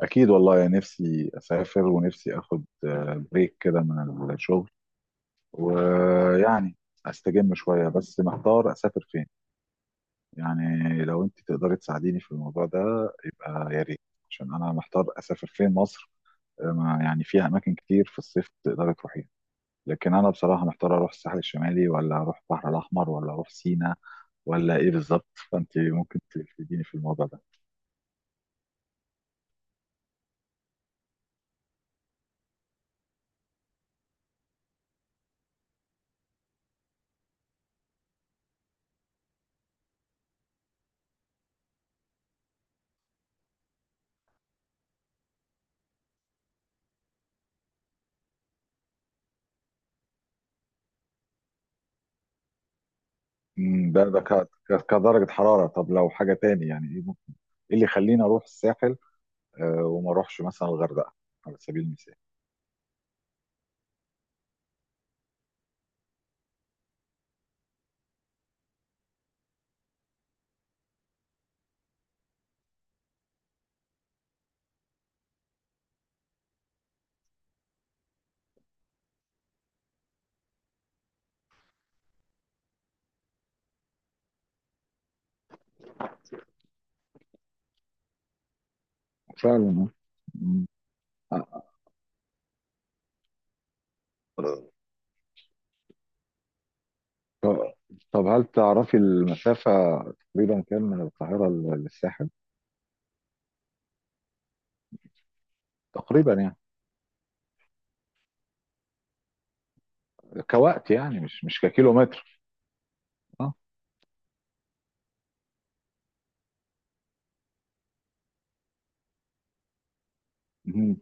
اكيد والله، يعني نفسي اسافر ونفسي اخد بريك كده من الشغل، ويعني استجم شويه. بس محتار اسافر فين. يعني لو انت تقدري تساعديني في الموضوع ده، يبقى يا ريت. عشان انا محتار اسافر فين مصر. يعني فيها اماكن كتير في الصيف تقدري تروحيها، لكن انا بصراحه محتار اروح الساحل الشمالي ولا اروح البحر الاحمر ولا اروح سينا، ولا ايه بالظبط. فانت ممكن تفيديني في الموضوع ده. ده كدرجة حرارة. طب لو حاجة تاني، يعني ايه؟ ايه اللي يخليني اروح الساحل وما اروحش مثلا الغردقه؟ على سبيل المثال. فعلا. مم. آه، طب طب، هل تعرفي المسافه تقريبا كام من القاهره للساحل؟ تقريبا يعني. كوقت يعني، مش ككيلومتر. اه. مم.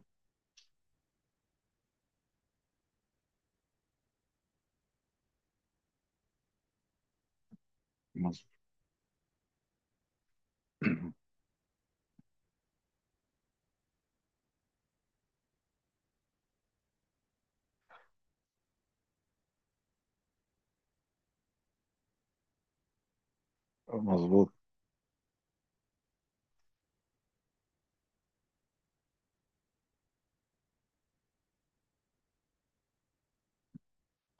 مظ- مظبوط.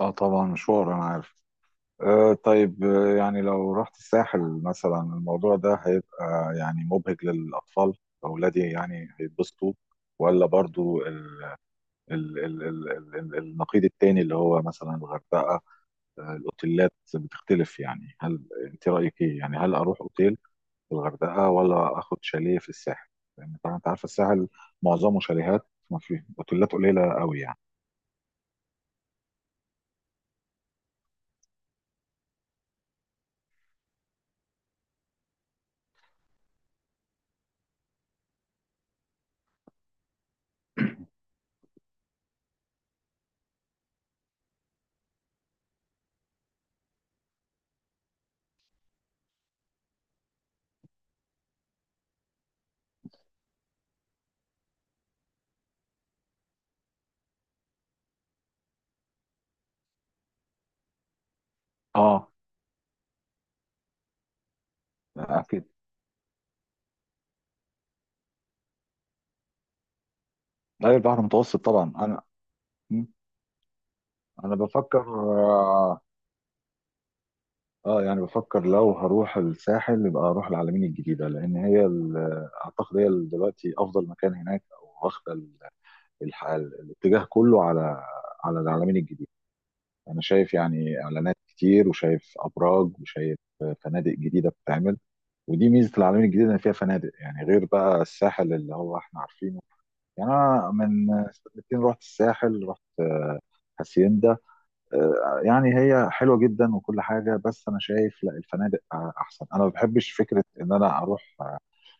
اه طبعا، مشوار انا عارف. طيب، يعني لو رحت الساحل مثلا، الموضوع ده هيبقى يعني مبهج للاطفال، اولادي يعني هيتبسطوا؟ ولا برضو النقيض التاني، اللي هو مثلا الغردقة؟ الأوتيلات بتختلف. يعني هل أنت رأيك إيه؟ يعني هل أروح أوتيل في الغردقة ولا آخد شاليه في الساحل؟ لأن طبعا أنت عارفة الساحل معظمه شاليهات، ما فيه أوتيلات قليلة قوي يعني. آه أكيد. لا البحر المتوسط طبعا. م، أنا بفكر آه آه، يعني بفكر لو هروح الساحل، يبقى أروح العلمين الجديدة، لأن هي أعتقد هي دلوقتي أفضل مكان هناك، أو واخدة الاتجاه كله على العلمين الجديد. انا شايف يعني اعلانات كتير، وشايف ابراج، وشايف فنادق جديده بتتعمل. ودي ميزه العلمين الجديد، ان فيها فنادق يعني غير بقى الساحل اللي هو احنا عارفينه. يعني انا من سنتين رحت الساحل، رحت هاسيندا. يعني هي حلوه جدا وكل حاجه، بس انا شايف لا الفنادق احسن. انا ما بحبش فكره ان انا اروح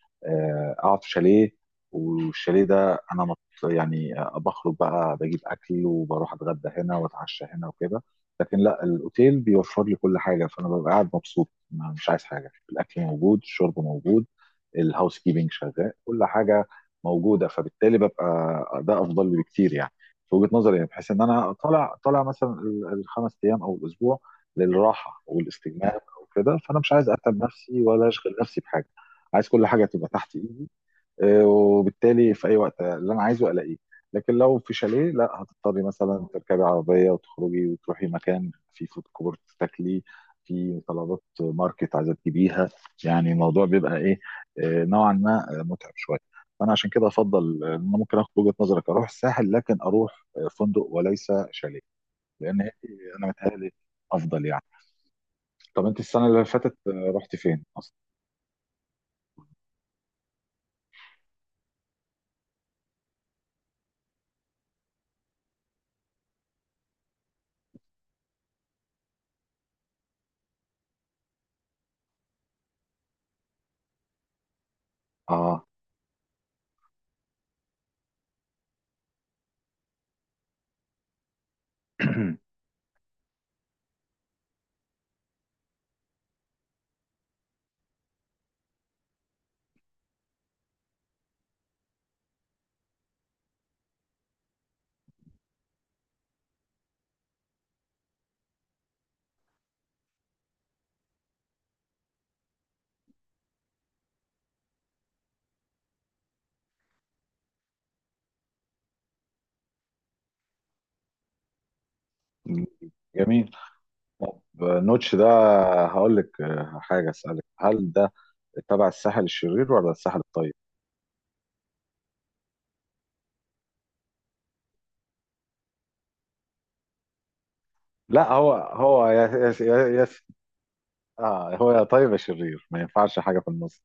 اقعد في شاليه. والشاليه ده انا يعني بخرج بقى، بجيب اكل وبروح اتغدى هنا واتعشى هنا وكده. لكن لا الاوتيل بيوفر لي كل حاجه، فانا ببقى قاعد مبسوط مش عايز حاجه. الاكل موجود، الشرب موجود، الهاوس كيبنج شغال، كل حاجه موجوده. فبالتالي ببقى ده افضل لي بكتير، يعني في وجهه نظري. يعني بحيث ان انا طالع مثلا ال5 ايام او الاسبوع للراحه والاستجمام او كده، فانا مش عايز اتعب نفسي ولا اشغل نفسي بحاجه. عايز كل حاجه تبقى تحت ايدي، وبالتالي في اي وقت اللي انا عايزه الاقيه. لكن لو في شاليه لا، هتضطري مثلا تركبي عربيه وتخرجي وتروحي مكان في فود كورت تاكلي، في طلبات ماركت عايزه تجيبيها. يعني الموضوع بيبقى ايه، نوعا ما متعب شويه. فانا عشان كده افضل ان انا ممكن اخد وجهه نظرك، اروح الساحل لكن اروح فندق وليس شاليه. لان انا متهيألي افضل يعني. طب انت السنه اللي فاتت رحت فين اصلا؟ اه. جميل. طب نوتش ده، هقول لك حاجه اسالك: هل ده تبع الساحل الشرير ولا الساحل الطيب؟ لا هو هو اه، هو يا طيب يا شرير، ما ينفعش حاجه في النص.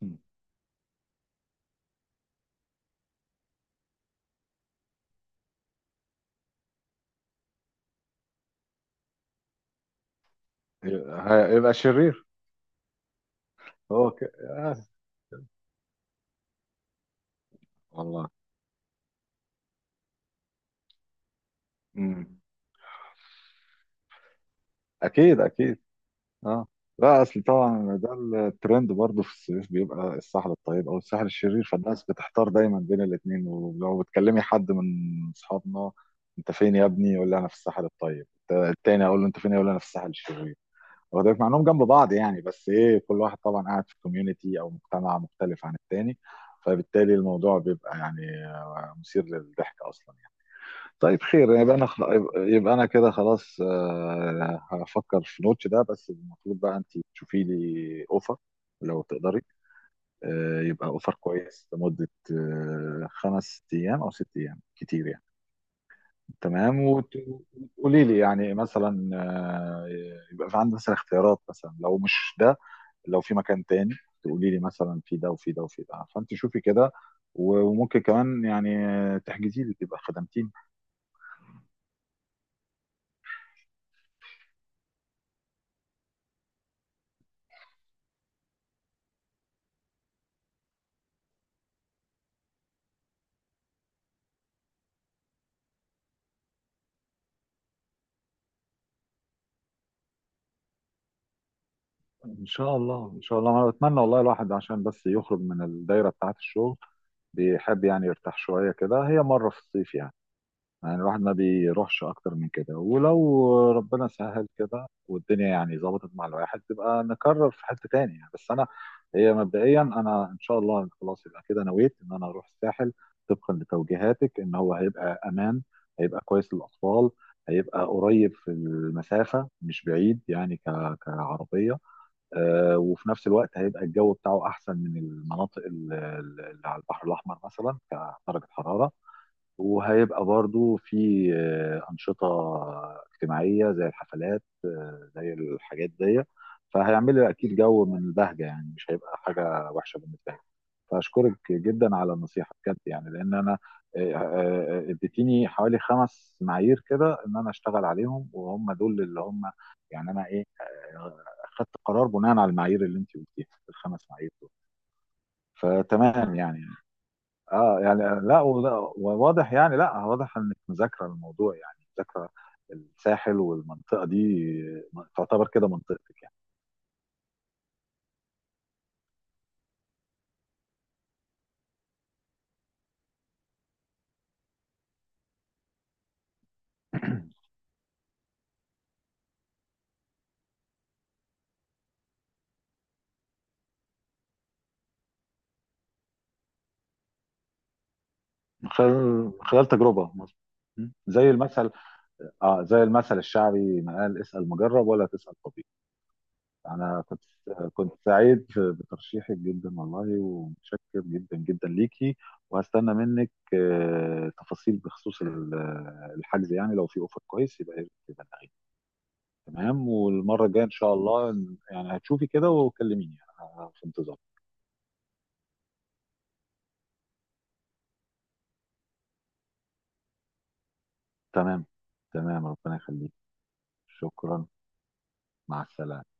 م. يبقى شرير. هو ك... آه. والله. مم. اكيد اكيد. اه لا، اصل طبعا ده الترند برضه في الصيف، بيبقى الساحل الطيب او الساحل الشرير، فالناس بتحتار دايما بين الاثنين. ولو بتكلمي حد من اصحابنا: انت فين يا ابني؟ يقول لي انا في الساحل الطيب. التاني اقول له انت فين؟ يقول لي انا في الساحل الشرير. واخد بالك؟ مع انهم جنب بعض يعني، بس ايه كل واحد طبعا قاعد في كوميونتي او مجتمع مختلف عن التاني. فبالتالي الموضوع بيبقى يعني مثير للضحك اصلا. طيب خير. يبقى انا يبقى انا كده خلاص هفكر في نوتش ده. بس المفروض بقى انت تشوفي لي اوفر لو تقدري، يبقى اوفر كويس لمدة 5 ايام او 6 ايام، كتير يعني. تمام. وتقولي لي يعني مثلا يبقى في عندي مثلا اختيارات. مثلا لو مش ده، لو في مكان تاني تقولي لي مثلا في ده وفي ده وفي ده. فانت شوفي كده، وممكن كمان يعني تحجزي لي، تبقى خدمتيني. ان شاء الله ان شاء الله. انا بتمنى والله. الواحد عشان بس يخرج من الدايره بتاعه الشغل بيحب يعني يرتاح شويه كده، هي مره في الصيف يعني. يعني الواحد ما بيروحش اكتر من كده، ولو ربنا سهل كده والدنيا يعني ظبطت مع الواحد، تبقى نكرر في حته تاني يعني. بس انا هي مبدئيا، انا ان شاء الله خلاص يبقى كده نويت ان انا اروح الساحل، طبقا لتوجيهاتك: ان هو هيبقى امان، هيبقى كويس للاطفال، هيبقى قريب في المسافه مش بعيد يعني كعربيه، وفي نفس الوقت هيبقى الجو بتاعه احسن من المناطق اللي على البحر الاحمر مثلا كدرجه حراره. وهيبقى برضو في أنشطة اجتماعية زي الحفلات، زي الحاجات دي، فهيعمل لي أكيد جو من البهجة، يعني مش هيبقى حاجة وحشة بالنسبة لي. فأشكرك جدا على النصيحة بجد، يعني لأن أنا اديتيني حوالي 5 معايير كده، إن أنا أشتغل عليهم وهم دول اللي هم يعني. أنا إيه، آه، خدت قرار بناء على المعايير اللي أنت قلتيها، ال5 معايير دول. فتمام يعني. اه يعني لا وواضح يعني لا، واضح انك مذاكره الموضوع يعني مذاكره الساحل، والمنطقه دي تعتبر كده منطقتك يعني. من خلال تجربه. م. زي المثل. اه زي المثل الشعبي ما قال: اسال مجرب ولا تسال طبيب. انا كنت سعيد بترشيحك جدا والله، ومتشكر جدا جدا ليكي. وهستنى منك تفاصيل بخصوص الحجز يعني. لو في اوفر كويس، يبقى تمام. والمره الجايه ان شاء الله، يعني هتشوفي كده وكلميني، انا في انتظار. تمام. تمام، ربنا يخليك. شكرا. مع السلامه.